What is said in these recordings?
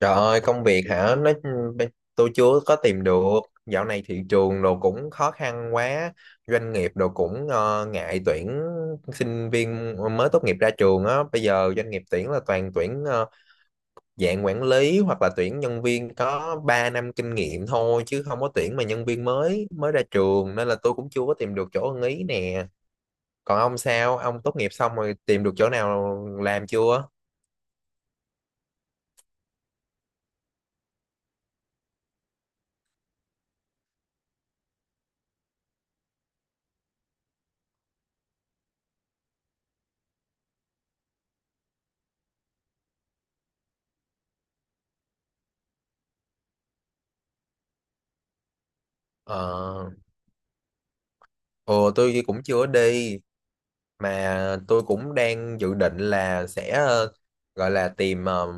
Trời ơi, công việc hả? Tôi chưa có tìm được. Dạo này thị trường đồ cũng khó khăn quá, doanh nghiệp đồ cũng ngại tuyển sinh viên mới tốt nghiệp ra trường á. Bây giờ doanh nghiệp tuyển là toàn tuyển dạng quản lý hoặc là tuyển nhân viên có 3 năm kinh nghiệm thôi chứ không có tuyển mà nhân viên mới mới ra trường nên là tôi cũng chưa có tìm được chỗ ưng ý nè. Còn ông sao? Ông tốt nghiệp xong rồi tìm được chỗ nào làm chưa? Ờ, ồ tôi cũng chưa đi mà tôi cũng đang dự định là sẽ gọi là tìm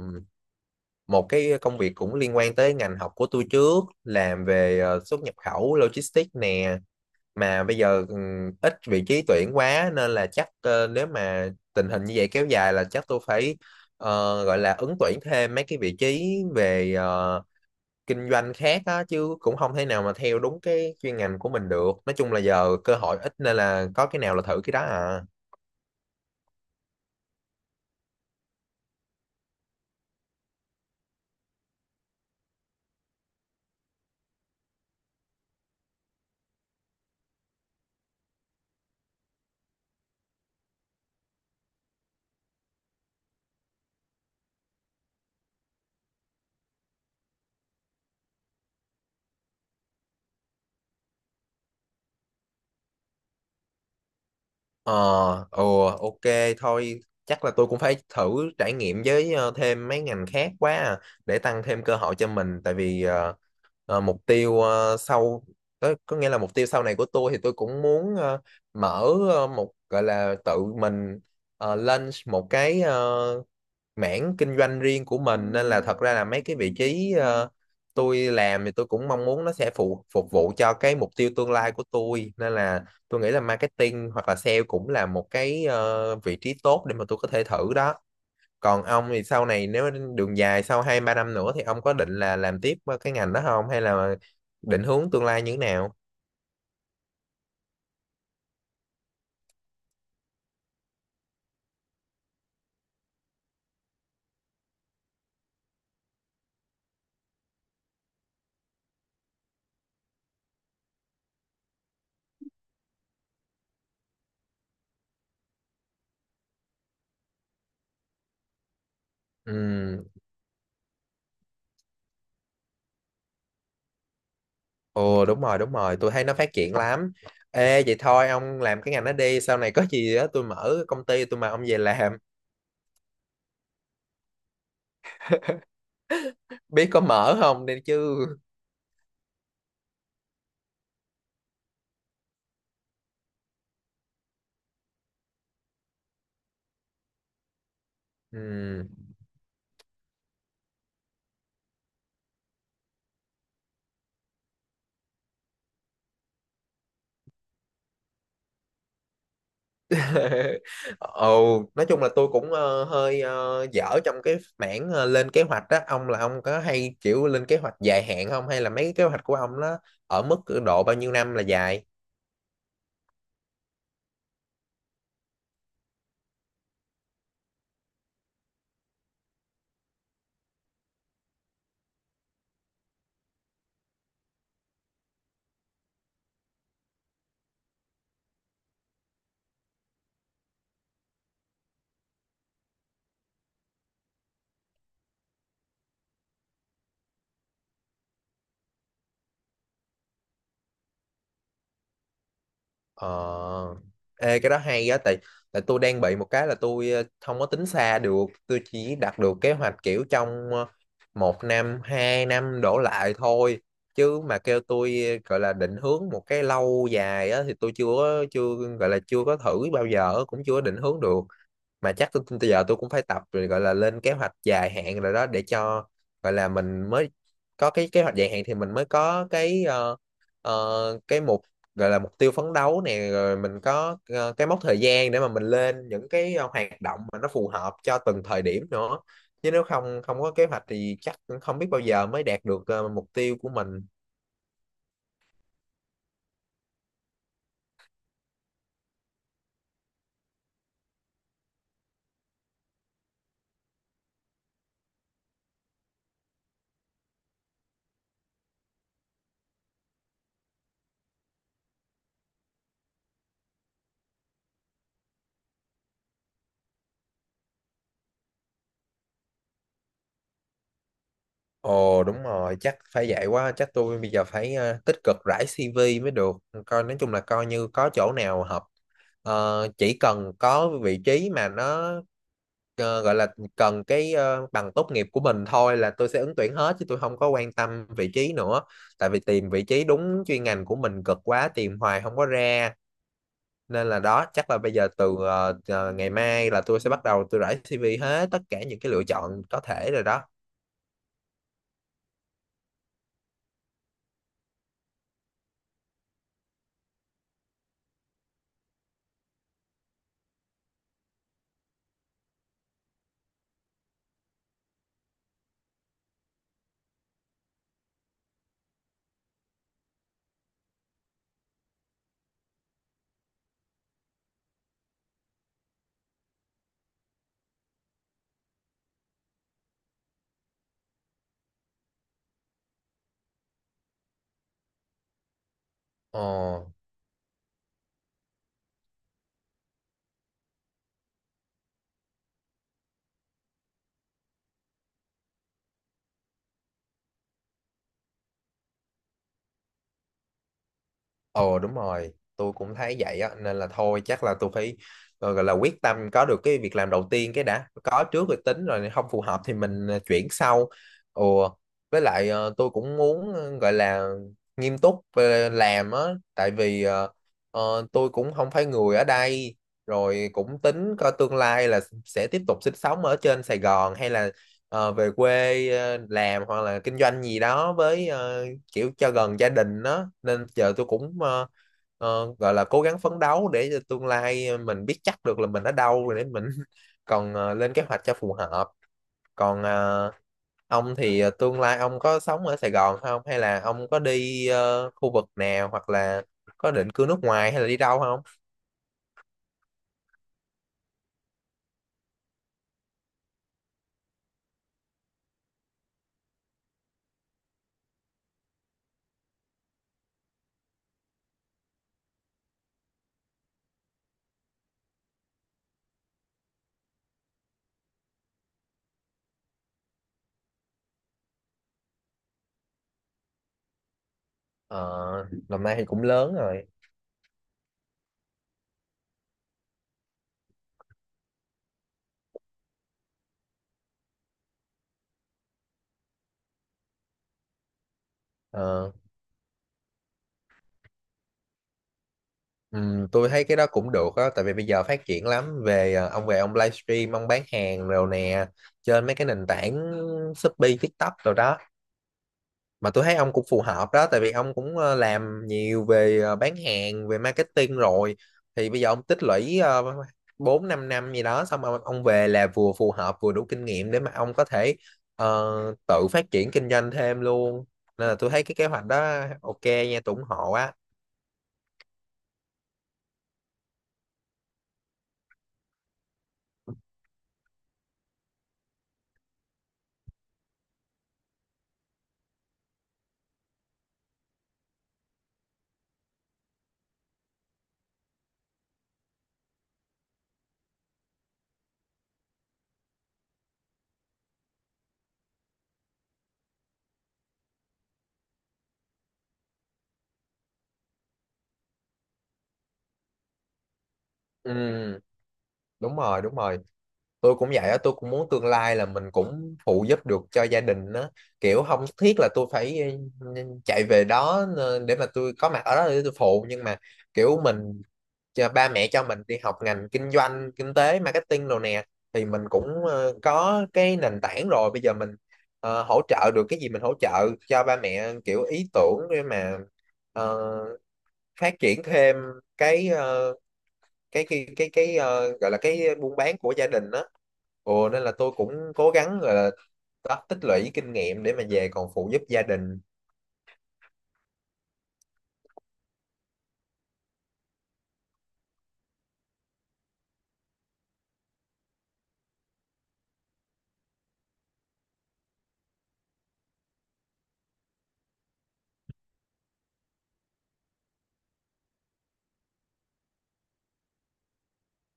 một cái công việc cũng liên quan tới ngành học của tôi trước làm về xuất nhập khẩu logistics nè mà bây giờ ít vị trí tuyển quá nên là chắc nếu mà tình hình như vậy kéo dài là chắc tôi phải ờ, gọi là ứng tuyển thêm mấy cái vị trí về kinh doanh khác á chứ cũng không thể nào mà theo đúng cái chuyên ngành của mình được. Nói chung là giờ cơ hội ít nên là có cái nào là thử cái đó à. Ờ, ừ, ok, thôi chắc là tôi cũng phải thử trải nghiệm với thêm mấy ngành khác quá à, để tăng thêm cơ hội cho mình tại vì mục tiêu sau có nghĩa là mục tiêu sau này của tôi thì tôi cũng muốn mở một gọi là tự mình lên một cái mảng kinh doanh riêng của mình nên là thật ra là mấy cái vị trí tôi làm thì tôi cũng mong muốn nó sẽ phục vụ cho cái mục tiêu tương lai của tôi nên là tôi nghĩ là marketing hoặc là sale cũng là một cái vị trí tốt để mà tôi có thể thử đó. Còn ông thì sau này nếu đường dài sau hai ba năm nữa thì ông có định là làm tiếp cái ngành đó không hay là định hướng tương lai như thế nào? Ừ, ồ đúng rồi, đúng rồi, tôi thấy nó phát triển lắm. Ê vậy thôi ông làm cái ngành đó đi. Sau này có gì á tôi mở công ty tôi mời ông về làm, biết có mở không đây chứ. Ừ. Ồ, nói chung là tôi cũng hơi dở trong cái mảng lên kế hoạch đó. Ông là ông có hay kiểu lên kế hoạch dài hạn không hay là mấy cái kế hoạch của ông nó ở mức độ bao nhiêu năm là dài? Ờ, ê cái đó hay á, tại tại tôi đang bị một cái là tôi không có tính xa được, tôi chỉ đặt được kế hoạch kiểu trong một năm, hai năm đổ lại thôi. Chứ mà kêu tôi gọi là định hướng một cái lâu dài á thì tôi chưa gọi là chưa có thử bao giờ, cũng chưa có định hướng được, mà chắc tôi giờ tôi cũng phải tập rồi gọi là lên kế hoạch dài hạn rồi đó, để cho gọi là mình mới có cái kế hoạch dài hạn thì mình mới có cái cái mục gọi là mục tiêu phấn đấu nè, rồi mình có cái mốc thời gian để mà mình lên những cái hoạt động mà nó phù hợp cho từng thời điểm nữa. Chứ nếu không không có kế hoạch thì chắc cũng không biết bao giờ mới đạt được mục tiêu của mình. Ồ đúng rồi, chắc phải vậy quá, chắc tôi bây giờ phải tích cực rải CV mới được. Coi nói chung là coi như có chỗ nào hợp. Ờ, chỉ cần có vị trí mà nó gọi là cần cái bằng tốt nghiệp của mình thôi là tôi sẽ ứng tuyển hết, chứ tôi không có quan tâm vị trí nữa. Tại vì tìm vị trí đúng chuyên ngành của mình cực quá, tìm hoài không có ra. Nên là đó, chắc là bây giờ từ ngày mai là tôi sẽ bắt đầu tôi rải CV hết tất cả những cái lựa chọn có thể rồi đó. Ồ. Ồ đúng rồi, tôi cũng thấy vậy á nên là thôi chắc là tôi phải gọi là quyết tâm có được cái việc làm đầu tiên cái đã, có trước rồi tính, rồi không phù hợp thì mình chuyển sau. Ồ với lại tôi cũng muốn gọi là nghiêm túc về làm á, tại vì tôi cũng không phải người ở đây rồi cũng tính coi tương lai là sẽ tiếp tục sinh sống ở trên Sài Gòn hay là về quê làm hoặc là kinh doanh gì đó, với kiểu cho gần gia đình đó, nên giờ tôi cũng gọi là cố gắng phấn đấu để cho tương lai mình biết chắc được là mình ở đâu rồi để mình còn lên kế hoạch cho phù hợp. Còn ông thì tương lai ông có sống ở Sài Gòn không hay là ông có đi khu vực nào hoặc là có định cư nước ngoài hay là đi đâu không? Ờ, năm nay thì cũng lớn rồi. Ờ, ừ, tôi thấy cái đó cũng được á, tại vì bây giờ phát triển lắm về ông về ông livestream ông bán hàng rồi nè, trên mấy cái nền tảng Shopee, TikTok rồi đó. Mà tôi thấy ông cũng phù hợp đó, tại vì ông cũng làm nhiều về bán hàng, về marketing rồi, thì bây giờ ông tích lũy uh, 4 5 năm gì đó xong ông về là vừa phù hợp vừa đủ kinh nghiệm để mà ông có thể ờ, tự phát triển kinh doanh thêm luôn. Nên là tôi thấy cái kế hoạch đó ok nha, tôi ủng hộ á. Ừ, đúng rồi, đúng rồi, tôi cũng vậy á, tôi cũng muốn tương lai là mình cũng phụ giúp được cho gia đình á, kiểu không thiết là tôi phải ừ, chạy về đó để mà tôi có mặt ở đó để tôi phụ, nhưng mà kiểu mình cho ba mẹ cho mình đi học ngành kinh doanh, kinh tế, marketing đồ nè, thì mình cũng có cái nền tảng rồi, bây giờ mình hỗ trợ được cái gì mình hỗ trợ cho ba mẹ kiểu ý tưởng để mà ờ, phát triển thêm cái gọi là cái buôn bán của gia đình đó. Ồ nên là tôi cũng cố gắng gọi là đó, tích lũy kinh nghiệm để mà về còn phụ giúp gia đình.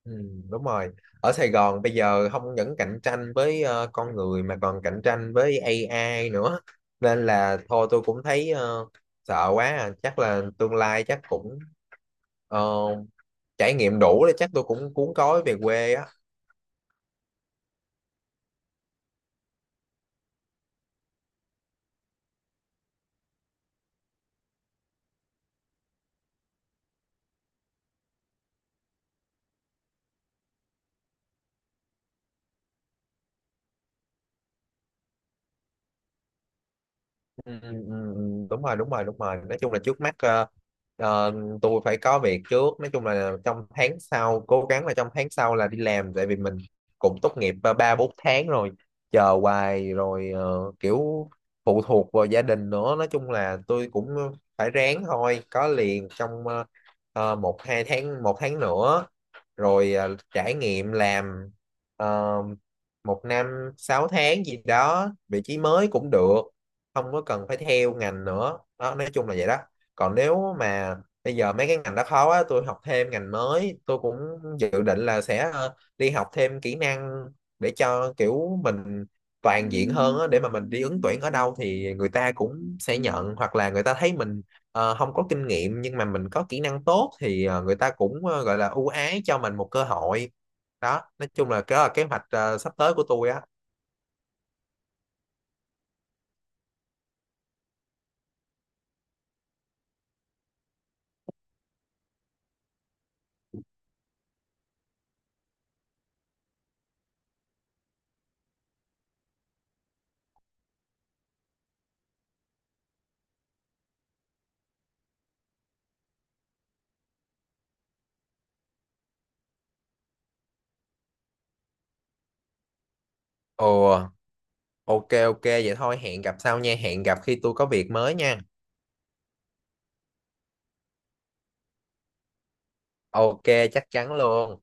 Ừ, đúng rồi. Ở Sài Gòn bây giờ không những cạnh tranh với con người mà còn cạnh tranh với AI nữa, nên là thôi tôi cũng thấy sợ quá à. Chắc là tương lai chắc cũng ờ, trải nghiệm đủ để chắc tôi cũng cuốn gói về quê á. Ừ, ừ, ừ, ừ, đúng rồi, đúng rồi, đúng rồi. Nói chung là trước mắt ờ, tôi phải có việc trước, nói chung là trong tháng sau cố gắng là trong tháng sau là đi làm, tại vì mình cũng tốt nghiệp ba bốn tháng rồi, chờ hoài rồi kiểu phụ thuộc vào gia đình nữa, nói chung là tôi cũng phải ráng thôi, có liền trong một hai tháng, một tháng nữa rồi à, trải nghiệm làm ờ, một năm, sáu tháng gì đó vị trí mới cũng được, không có cần phải theo ngành nữa đó, nói chung là vậy đó. Còn nếu mà bây giờ mấy cái ngành đó khó quá tôi học thêm ngành mới, tôi cũng dự định là sẽ đi học thêm kỹ năng để cho kiểu mình toàn diện hơn á, để mà mình đi ứng tuyển ở đâu thì người ta cũng sẽ nhận, hoặc là người ta thấy mình không có kinh nghiệm nhưng mà mình có kỹ năng tốt thì người ta cũng gọi là ưu ái cho mình một cơ hội đó. Nói chung là cái là kế hoạch sắp tới của tôi á. Ồ ok, ok vậy thôi, hẹn gặp sau nha, hẹn gặp khi tôi có việc mới nha. Ok, chắc chắn luôn.